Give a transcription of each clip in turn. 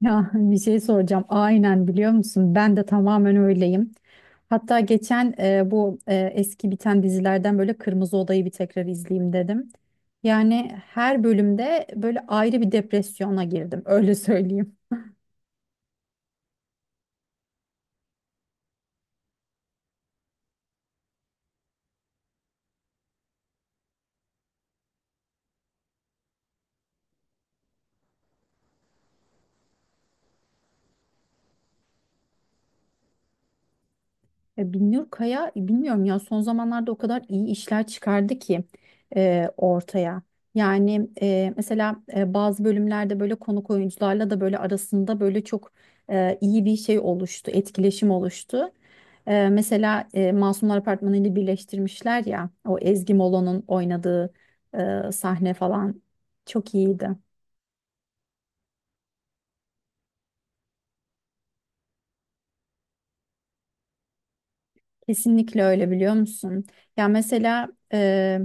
Ya bir şey soracağım. Aynen biliyor musun? Ben de tamamen öyleyim. Hatta geçen bu eski biten dizilerden böyle Kırmızı Oda'yı bir tekrar izleyeyim dedim. Yani her bölümde böyle ayrı bir depresyona girdim. Öyle söyleyeyim. Binnur Kaya bilmiyorum ya son zamanlarda o kadar iyi işler çıkardı ki ortaya. Yani mesela bazı bölümlerde böyle konuk oyuncularla da böyle arasında böyle çok iyi bir şey oluştu, etkileşim oluştu. Mesela Masumlar Apartmanı ile birleştirmişler ya o Ezgi Molo'nun oynadığı sahne falan çok iyiydi. Kesinlikle öyle biliyor musun? Ya mesela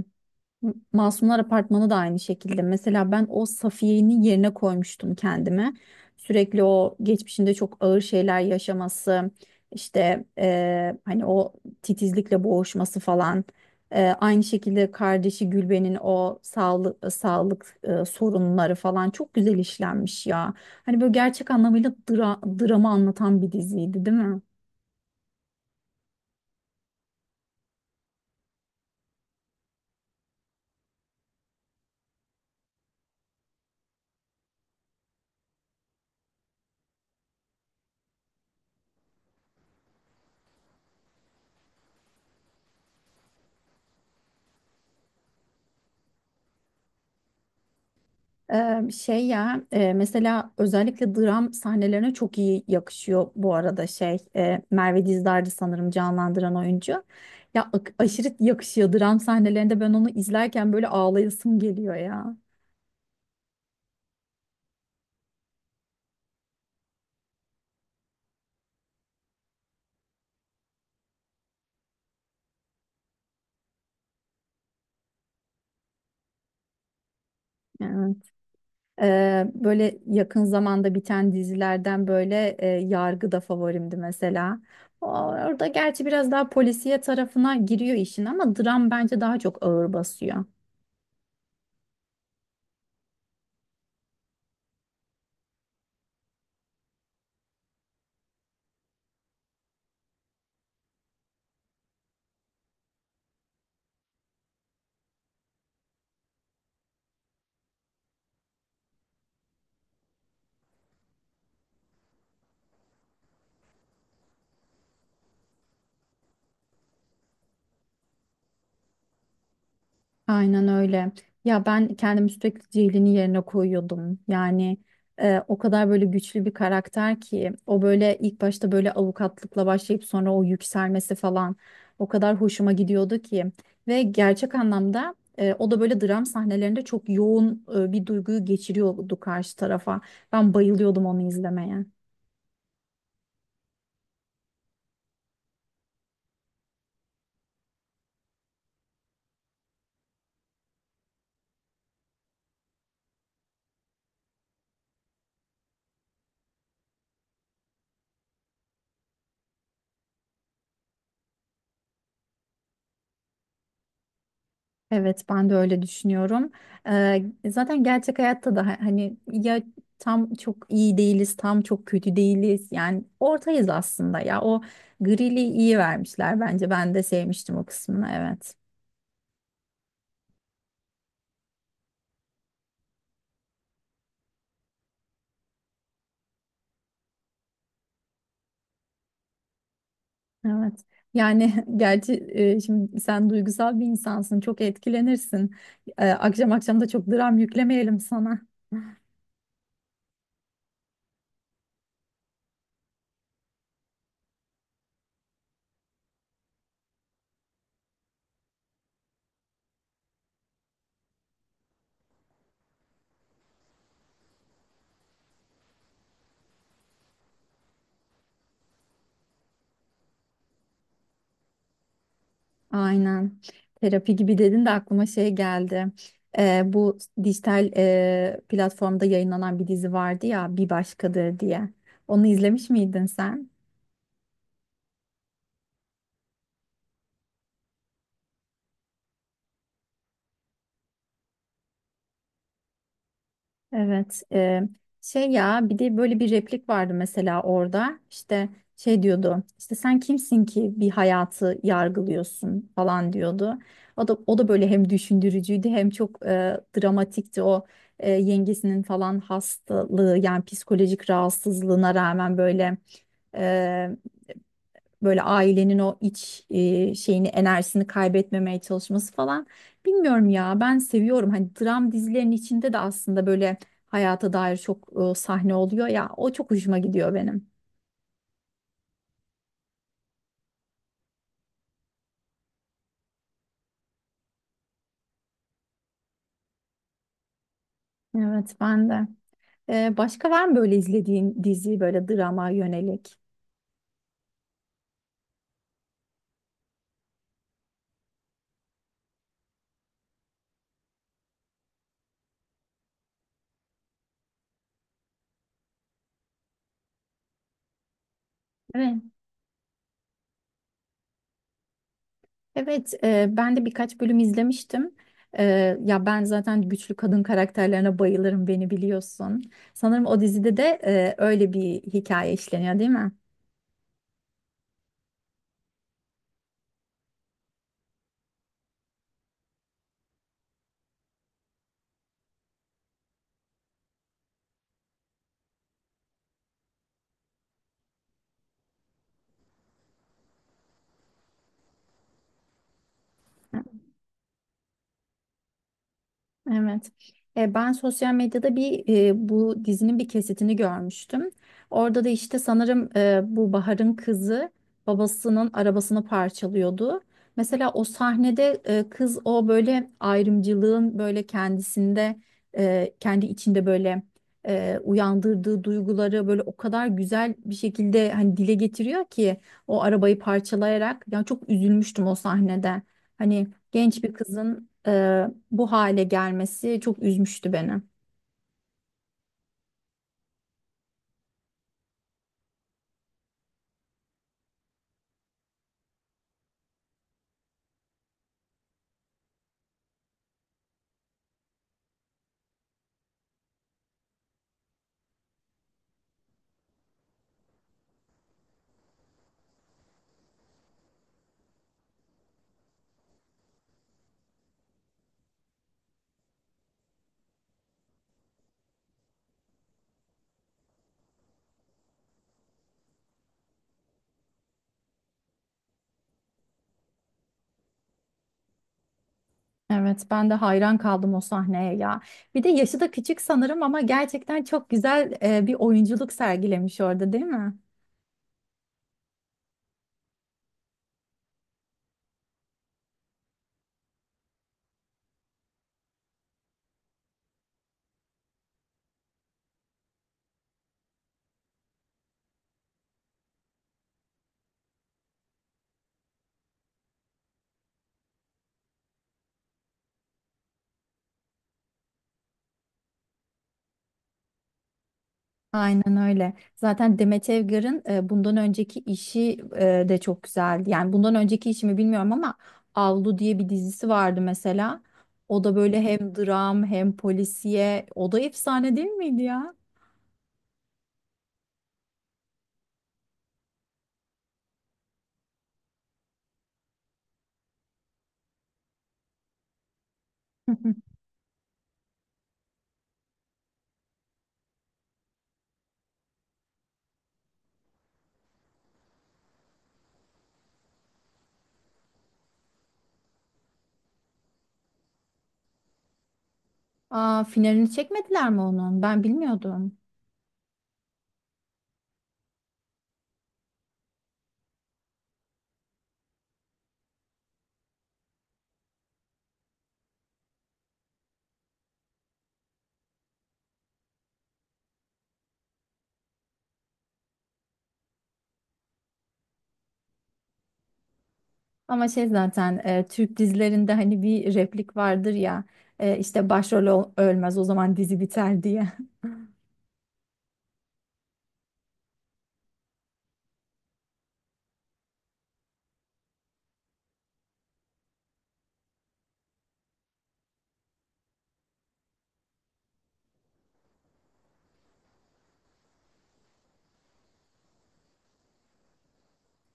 Masumlar Apartmanı da aynı şekilde. Mesela ben o Safiye'nin yerine koymuştum kendimi. Sürekli o geçmişinde çok ağır şeyler yaşaması, işte hani o titizlikle boğuşması falan. Aynı şekilde kardeşi Gülben'in o sağlık sorunları falan çok güzel işlenmiş ya. Hani böyle gerçek anlamıyla dramı anlatan bir diziydi, değil mi? Şey ya mesela özellikle dram sahnelerine çok iyi yakışıyor bu arada şey Merve Dizdar'dı sanırım canlandıran oyuncu. Ya aşırı yakışıyor dram sahnelerinde ben onu izlerken böyle ağlayasım geliyor ya. Yani. Böyle yakın zamanda biten dizilerden böyle Yargı da favorimdi mesela. Orada gerçi biraz daha polisiye tarafına giriyor işin ama dram bence daha çok ağır basıyor. Aynen öyle. Ya ben kendimi sürekli Ceylin'in yerine koyuyordum. Yani o kadar böyle güçlü bir karakter ki o böyle ilk başta böyle avukatlıkla başlayıp sonra o yükselmesi falan o kadar hoşuma gidiyordu ki. Ve gerçek anlamda o da böyle dram sahnelerinde çok yoğun bir duyguyu geçiriyordu karşı tarafa. Ben bayılıyordum onu izlemeye. Evet, ben de öyle düşünüyorum. Zaten gerçek hayatta da hani ya tam çok iyi değiliz, tam çok kötü değiliz. Yani ortayız aslında ya. O grili iyi vermişler bence. Ben de sevmiştim o kısmını. Evet. Evet. Yani gerçi şimdi sen duygusal bir insansın. Çok etkilenirsin. Akşam akşam da çok dram yüklemeyelim sana. Aynen. Terapi gibi dedin de aklıma şey geldi. Bu dijital platformda yayınlanan bir dizi vardı ya Bir Başkadır diye. Onu izlemiş miydin sen? Evet, şey ya bir de böyle bir replik vardı mesela orada işte şey diyordu işte sen kimsin ki bir hayatı yargılıyorsun falan diyordu. O da böyle hem düşündürücüydü hem çok dramatikti o yengesinin falan hastalığı yani psikolojik rahatsızlığına rağmen böyle ailenin o iç şeyini enerjisini kaybetmemeye çalışması falan. Bilmiyorum ya ben seviyorum. Hani dram dizilerinin içinde de aslında böyle hayata dair çok sahne oluyor ya. O çok hoşuma gidiyor benim. Evet ben de. Başka var mı böyle izlediğin dizi böyle drama yönelik? Evet. Evet ben de birkaç bölüm izlemiştim. E, Ya ben zaten güçlü kadın karakterlerine bayılırım beni biliyorsun. Sanırım o dizide de öyle bir hikaye işleniyor değil mi? Evet. Ben sosyal medyada bir bu dizinin bir kesitini görmüştüm. Orada da işte sanırım bu Bahar'ın kızı babasının arabasını parçalıyordu. Mesela o sahnede kız o böyle ayrımcılığın böyle kendisinde kendi içinde böyle uyandırdığı duyguları böyle o kadar güzel bir şekilde hani dile getiriyor ki o arabayı parçalayarak yani çok üzülmüştüm o sahnede. Hani genç bir kızın bu hale gelmesi çok üzmüştü beni. Evet, ben de hayran kaldım o sahneye ya. Bir de yaşı da küçük sanırım ama gerçekten çok güzel bir oyunculuk sergilemiş orada, değil mi? Aynen öyle. Zaten Demet Evgar'ın bundan önceki işi de çok güzeldi. Yani bundan önceki işimi bilmiyorum ama Avlu diye bir dizisi vardı mesela. O da böyle hem dram hem polisiye. O da efsane değil miydi ya? Aa, finalini çekmediler mi onun? Ben bilmiyordum. Ama şey zaten Türk dizilerinde hani bir replik vardır ya işte başrol ölmez o zaman dizi biter diye.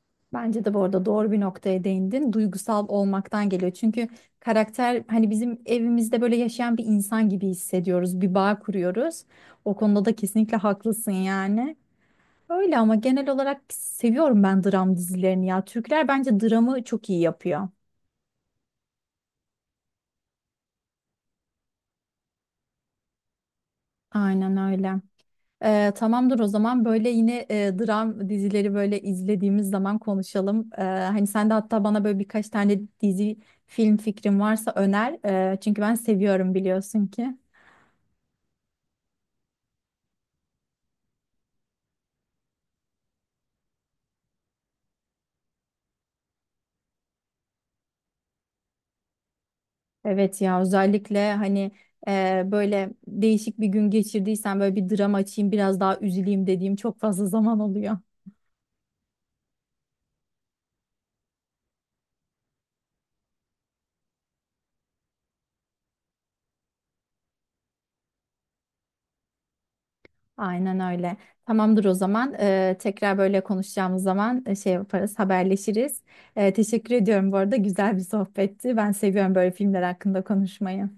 Bence de bu arada doğru bir noktaya değindin. Duygusal olmaktan geliyor. Çünkü karakter hani bizim evimizde böyle yaşayan bir insan gibi hissediyoruz. Bir bağ kuruyoruz. O konuda da kesinlikle haklısın yani. Öyle ama genel olarak seviyorum ben dram dizilerini ya. Türkler bence dramı çok iyi yapıyor. Aynen öyle. Tamamdır o zaman böyle yine dram dizileri böyle izlediğimiz zaman konuşalım. Hani sen de hatta bana böyle birkaç tane dizi film fikrin varsa öner. Çünkü ben seviyorum biliyorsun ki. Evet ya özellikle hani böyle değişik bir gün geçirdiysen böyle bir dram açayım biraz daha üzüleyim dediğim çok fazla zaman oluyor. Aynen öyle. Tamamdır o zaman. Tekrar böyle konuşacağımız zaman şey yaparız, haberleşiriz. Teşekkür ediyorum bu arada. Güzel bir sohbetti. Ben seviyorum böyle filmler hakkında konuşmayı.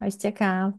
Hoşça kal.